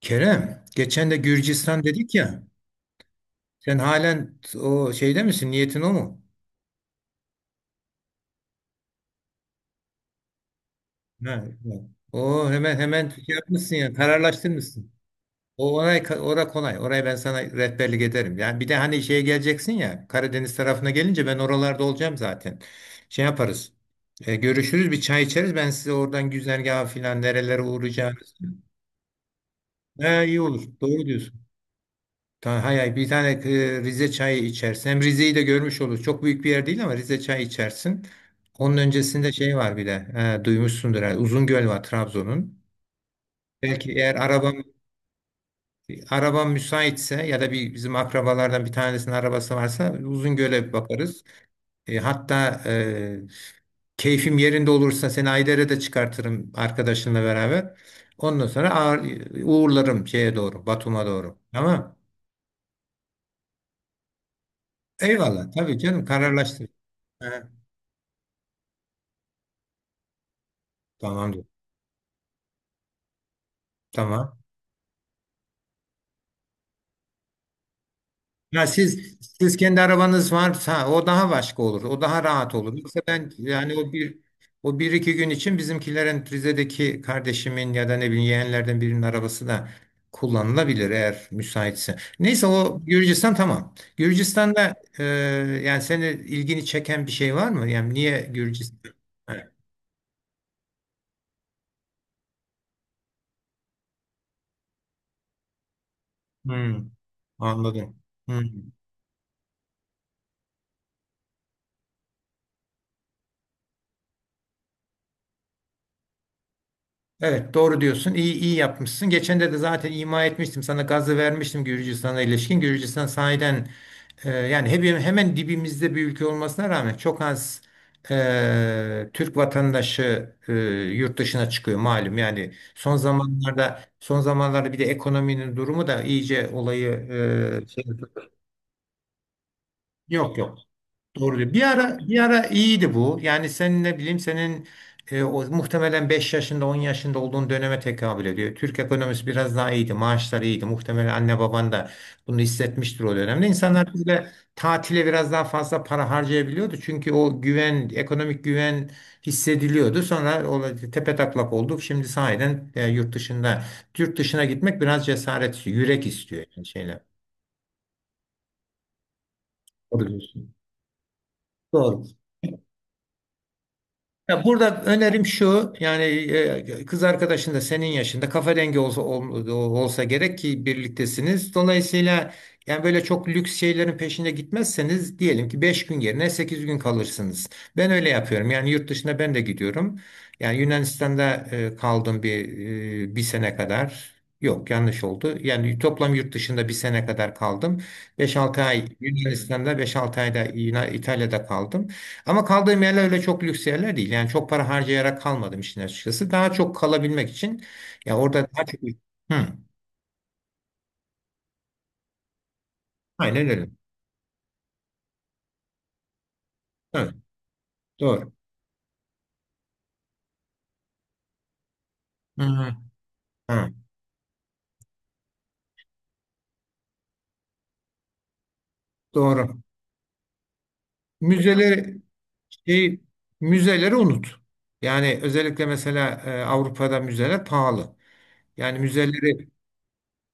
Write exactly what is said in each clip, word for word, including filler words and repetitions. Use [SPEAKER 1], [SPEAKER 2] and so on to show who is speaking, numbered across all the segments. [SPEAKER 1] Kerem, geçen de Gürcistan dedik ya. Sen halen o şeyde misin? Niyetin o mu? Ha, o o hemen hemen şey yapmışsın ya. Kararlaştırmışsın. O orayı ora kolay. Oraya ben sana rehberlik ederim. Yani bir de hani şeye geleceksin ya. Karadeniz tarafına gelince ben oralarda olacağım zaten. Şey yaparız. E, görüşürüz, bir çay içeriz. Ben size oradan güzergahı filan nerelere uğrayacağınızı. He, iyi olur. Doğru diyorsun. Ta- Hay hay, bir tane e, Rize çayı içersin. Hem Rize'yi de görmüş olur. Çok büyük bir yer değil ama Rize çayı içersin. Onun öncesinde şey var bir de. E, duymuşsundur. uzun Uzungöl var Trabzon'un. Belki eğer arabam arabam müsaitse ya da bir bizim akrabalardan bir tanesinin arabası varsa Uzungöl'e bir bakarız. E, hatta e, Keyfim yerinde olursa seni Ayder'e de çıkartırım arkadaşınla beraber. Ondan sonra ağır, uğurlarım şeye doğru, Batum'a doğru. Tamam. Eyvallah. Tabii canım, kararlaştır. Tamamdır. Tamam. Ya siz siz kendi arabanız varsa o daha başka olur. O daha rahat olur. Yoksa ben yani o bir o bir iki gün için bizimkilerin Rize'deki kardeşimin ya da ne bileyim yeğenlerden birinin arabası da kullanılabilir eğer müsaitse. Neyse o Gürcistan tamam. Gürcistan'da e, yani seni ilgini çeken bir şey var mı? Yani niye Gürcistan? Evet. Hmm, anladım. Hmm. Evet, doğru diyorsun. İyi iyi yapmışsın. Geçen de de zaten ima etmiştim. Sana gazı vermiştim Gürcistan'a ilişkin. Gürcistan sahiden e, yani hep, hemen dibimizde bir ülke olmasına rağmen çok az e, Türk vatandaşı e, yurt dışına çıkıyor malum. Yani son zamanlarda son zamanlarda bir de ekonominin durumu da iyice olayı e, şey- yok yok. Doğru diyor. Bir ara bir ara iyiydi bu. Yani senin ne bileyim senin e, o, muhtemelen beş yaşında on yaşında olduğun döneme tekabül ediyor. Türk ekonomisi biraz daha iyiydi. Maaşlar iyiydi. Muhtemelen anne baban da bunu hissetmiştir o dönemde. İnsanlar böyle tatile biraz daha fazla para harcayabiliyordu. Çünkü o güven, ekonomik güven hissediliyordu. Sonra o tepetaklak olduk. Şimdi sahiden e, yurt dışında yurt dışına gitmek biraz cesaret istiyor, yürek istiyor yani şeyler. Doğru diyorsun. Doğru. Ya burada önerim şu yani e, kız arkadaşın da senin yaşında kafa dengi olsa ol- olsa gerek ki birliktesiniz. Dolayısıyla yani böyle çok lüks şeylerin peşine gitmezseniz diyelim ki beş gün yerine sekiz gün kalırsınız. Ben öyle yapıyorum. Yani yurt dışına ben de gidiyorum. Yani Yunanistan'da e, kaldım bir e, bir sene kadar. Yok, yanlış oldu. Yani toplam yurt dışında bir sene kadar kaldım. Beş altı ay Yunanistan'da, beş altı ayda Yunan- İtalya'da kaldım. Ama kaldığım yerler öyle çok lüks yerler değil. Yani çok para harcayarak kalmadım işin açıkçası. Daha çok kalabilmek için ya orada daha çok... Hı, aynen öyle. Evet, doğru. Hı, hı, hı, doğru. Müzeleri şey, müzeleri unut. Yani özellikle mesela e, Avrupa'da müzeler pahalı. Yani müzeleri.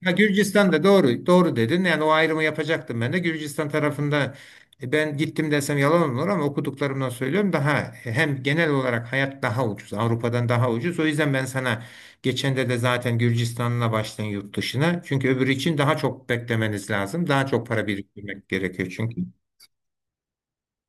[SPEAKER 1] Ya Gürcistan'da doğru doğru dedin. Yani o ayrımı yapacaktım ben de. Gürcistan tarafında e, ben gittim desem yalan olur ama okuduklarımdan söylüyorum daha e, hem genel olarak hayat daha ucuz. Avrupa'dan daha ucuz. O yüzden ben sana geçen de de zaten Gürcistan'la başlayın yurt dışına. Çünkü öbürü için daha çok beklemeniz lazım. Daha çok para biriktirmek gerekiyor çünkü.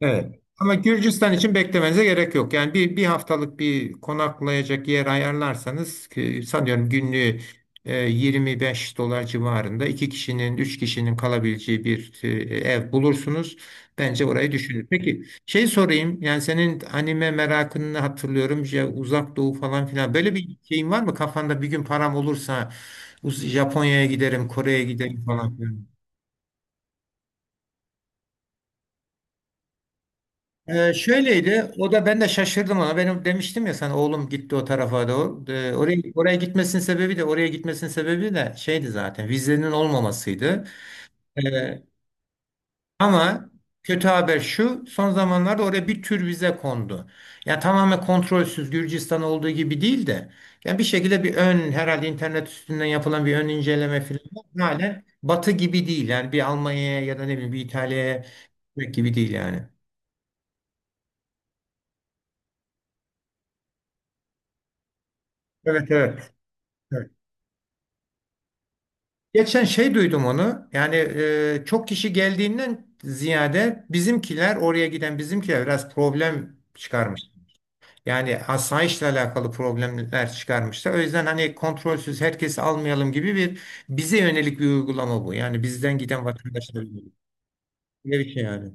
[SPEAKER 1] Evet. Ama Gürcistan için beklemenize gerek yok. Yani bir, bir haftalık bir konaklayacak yer ayarlarsanız ki sanıyorum günlüğü e, yirmi beş dolar civarında iki kişinin, üç kişinin kalabileceği bir e, ev bulursunuz. Bence orayı düşünün. Peki şey sorayım. Yani senin anime merakını hatırlıyorum. Ya uzak doğu falan filan. Böyle bir şeyin var mı kafanda? Bir gün param olursa Uz- Japonya'ya giderim, Kore'ye giderim falan. Ee, şöyleydi. O da ben de şaşırdım ona. Benim demiştim ya sana oğlum gitti o tarafa doğru. Ee, oraya oraya gitmesinin sebebi de oraya gitmesinin sebebi de şeydi zaten. Vizenin olmamasıydı. Ee, ama Kötü haber şu. Son zamanlarda oraya bir tür vize kondu. Yani tamamen kontrolsüz Gürcistan olduğu gibi değil de yani bir şekilde bir ön herhalde internet üstünden yapılan bir ön inceleme falan hala Batı gibi değil. Yani bir Almanya'ya ya da ne bileyim bir İtalya'ya gitmek gibi değil yani. Evet evet. Geçen şey duydum onu. Yani e, çok kişi geldiğinden ziyade bizimkiler oraya giden bizimkiler biraz problem çıkarmış. Yani asayişle alakalı problemler çıkarmışlar. O yüzden hani kontrolsüz herkesi almayalım gibi bir bize yönelik bir uygulama bu. Yani bizden giden vatandaşlara yönelik. Böyle bir şey yani.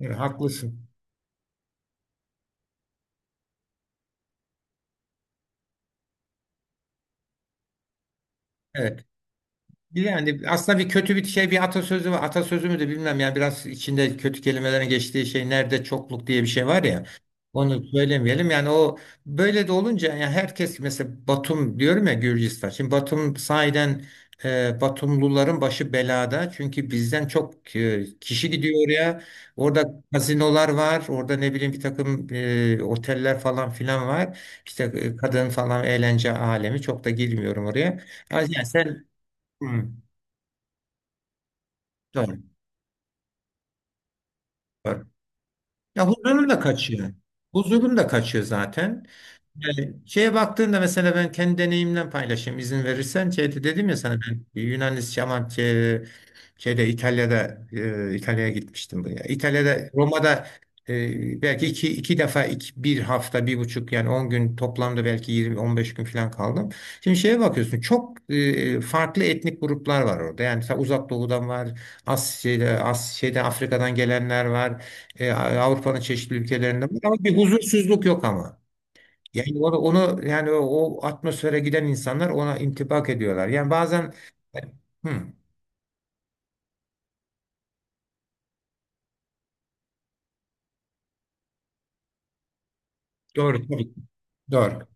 [SPEAKER 1] Evet, haklısın. Evet. Yani aslında bir kötü bir şey bir atasözü var. Atasözü mü de bilmem yani biraz içinde kötü kelimelerin geçtiği şey nerede çokluk diye bir şey var ya. Onu söylemeyelim. Yani o böyle de olunca yani herkes mesela Batum diyorum ya Gürcistan. Şimdi Batum sahiden e, Batumluların başı belada. Çünkü bizden çok e, kişi gidiyor oraya. Orada kazinolar var. Orada ne bileyim bir takım e, oteller falan filan var. İşte e, kadın falan eğlence alemi. Çok da girmiyorum oraya. Yani sen. Hı. Doğru. Doğru. Ya huzurun da kaçıyor. Huzurun da kaçıyor zaten. Yani şeye baktığında mesela ben kendi deneyimden paylaşayım izin verirsen. Şeyde dedim ya sana ben Yunanistan'a. Şeyde İtalya'da e, İtalya'ya gitmiştim buraya. İtalya'da Roma'da e, belki iki, iki defa iki, bir hafta bir buçuk yani on gün toplamda belki yirmi on beş gün falan kaldım. Şimdi şeye bakıyorsun çok e, farklı etnik gruplar var orada. Yani mesela Uzak Doğu'dan var, Asya'da, Asya'da Afrika'dan gelenler var, e, Avrupa'nın çeşitli ülkelerinden var ama bir huzursuzluk yok ama. Yani onu, onu yani o, o atmosfere giden insanlar ona intibak ediyorlar. Yani bazen. Hı, doğru, tabii, doğru.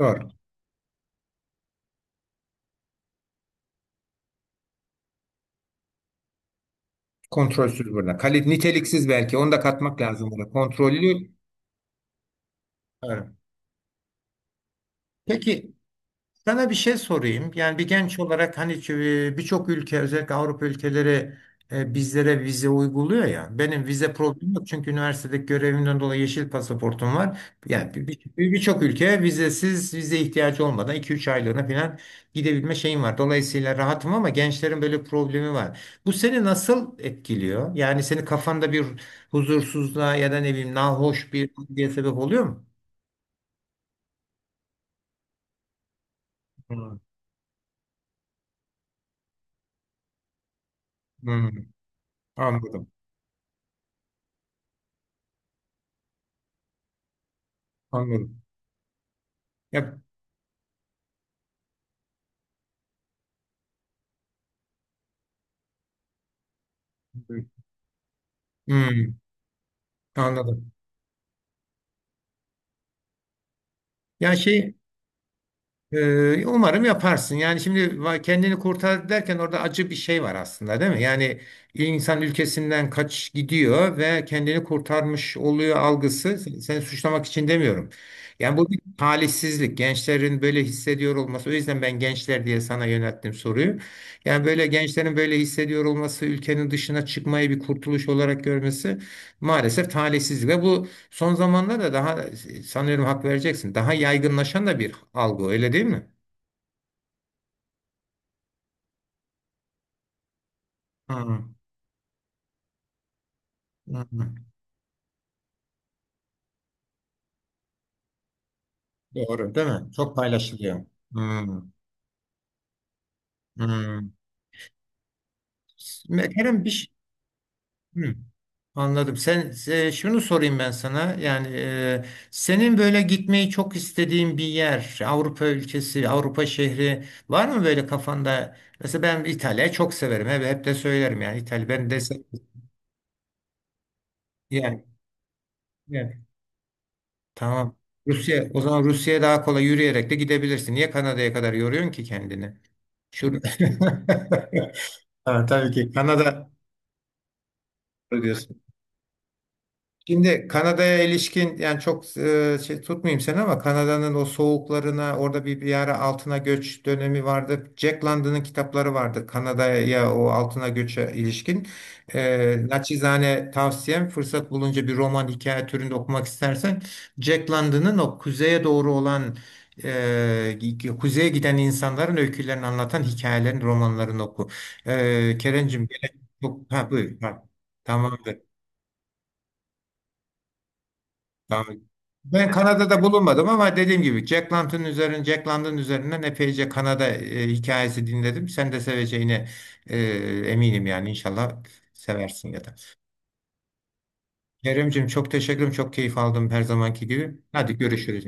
[SPEAKER 1] Doğru. Kontrolsüz burada. Kali, niteliksiz belki. Onu da katmak lazım burada. Kontrollü. Evet. Peki sana bir şey sorayım. Yani bir genç olarak hani ç- birçok ülke özellikle Avrupa ülkeleri e, bizlere vize uyguluyor ya. Benim vize problemim yok çünkü üniversitedeki görevimden dolayı yeşil pasaportum var. Yani bir- bir- bir- birçok ülkeye vizesiz, vize ihtiyacı olmadan iki üç aylığına falan gidebilme şeyim var. Dolayısıyla rahatım ama gençlerin böyle bir problemi var. Bu seni nasıl etkiliyor? Yani senin kafanda bir huzursuzluğa ya da ne bileyim nahoş bir diye sebep oluyor mu? Hmm. Hmm. Anladım. Anladım. Ya. Hmm, anladım. Yani şey e, umarım yaparsın. Yani şimdi va- kendini kurtar derken orada acı bir şey var aslında değil mi? Yani insan ülkesinden kaç gidiyor ve kendini kurtarmış oluyor algısı. Sen- Seni suçlamak için demiyorum. Yani bu bir talihsizlik. Gençlerin böyle hissediyor olması. O yüzden ben gençler diye sana yönelttim soruyu. Yani böyle gençlerin böyle hissediyor olması, ülkenin dışına çıkmayı bir kurtuluş olarak görmesi maalesef talihsizlik. Ve bu son zamanlarda daha sanıyorum hak vereceksin. Daha yaygınlaşan da bir algı öyle değil mi? Hı, hı. Doğru değil mi? Çok paylaşılıyor. Hı, hı. Kerem bir şey... Hı, anladım. Sen, se- şunu sorayım ben sana. Yani e, senin böyle gitmeyi çok istediğin bir yer, Avrupa ülkesi, Avrupa şehri var mı böyle kafanda? Mesela ben İtalya'yı çok severim. Hep, hep de söylerim yani İtalya. Ben de se- yani, yani Tamam. Rusya, o zaman Rusya'ya daha kolay yürüyerek de gidebilirsin. Niye Kanada'ya kadar yoruyorsun ki kendini? Şurada. Ha, tabii ki Kanada diyorsun. Şimdi Kanada'ya ilişkin yani çok e, şey tutmayayım seni ama Kanada'nın o soğuklarına orada bir, bir ara altına göç dönemi vardı. Jack London'ın kitapları vardı Kanada'ya o altına göçe ilişkin. E, naçizane tavsiyem fırsat bulunca bir roman hikaye türünde okumak istersen Jack London'ın o kuzeye doğru olan e, kuzeye giden insanların öykülerini anlatan hikayelerini romanlarını oku. E, Kerencim gene çok ha, buyur. Ha, tamam. Tamam. Ben Kanada'da bulunmadım ama dediğim gibi Jack London üzerine, Jack London üzerinden epeyce Kanada e, hikayesi dinledim. Sen de seveceğine e, eminim yani inşallah seversin ya da. Keremcim çok teşekkürüm, çok keyif aldım her zamanki gibi. Hadi görüşürüz.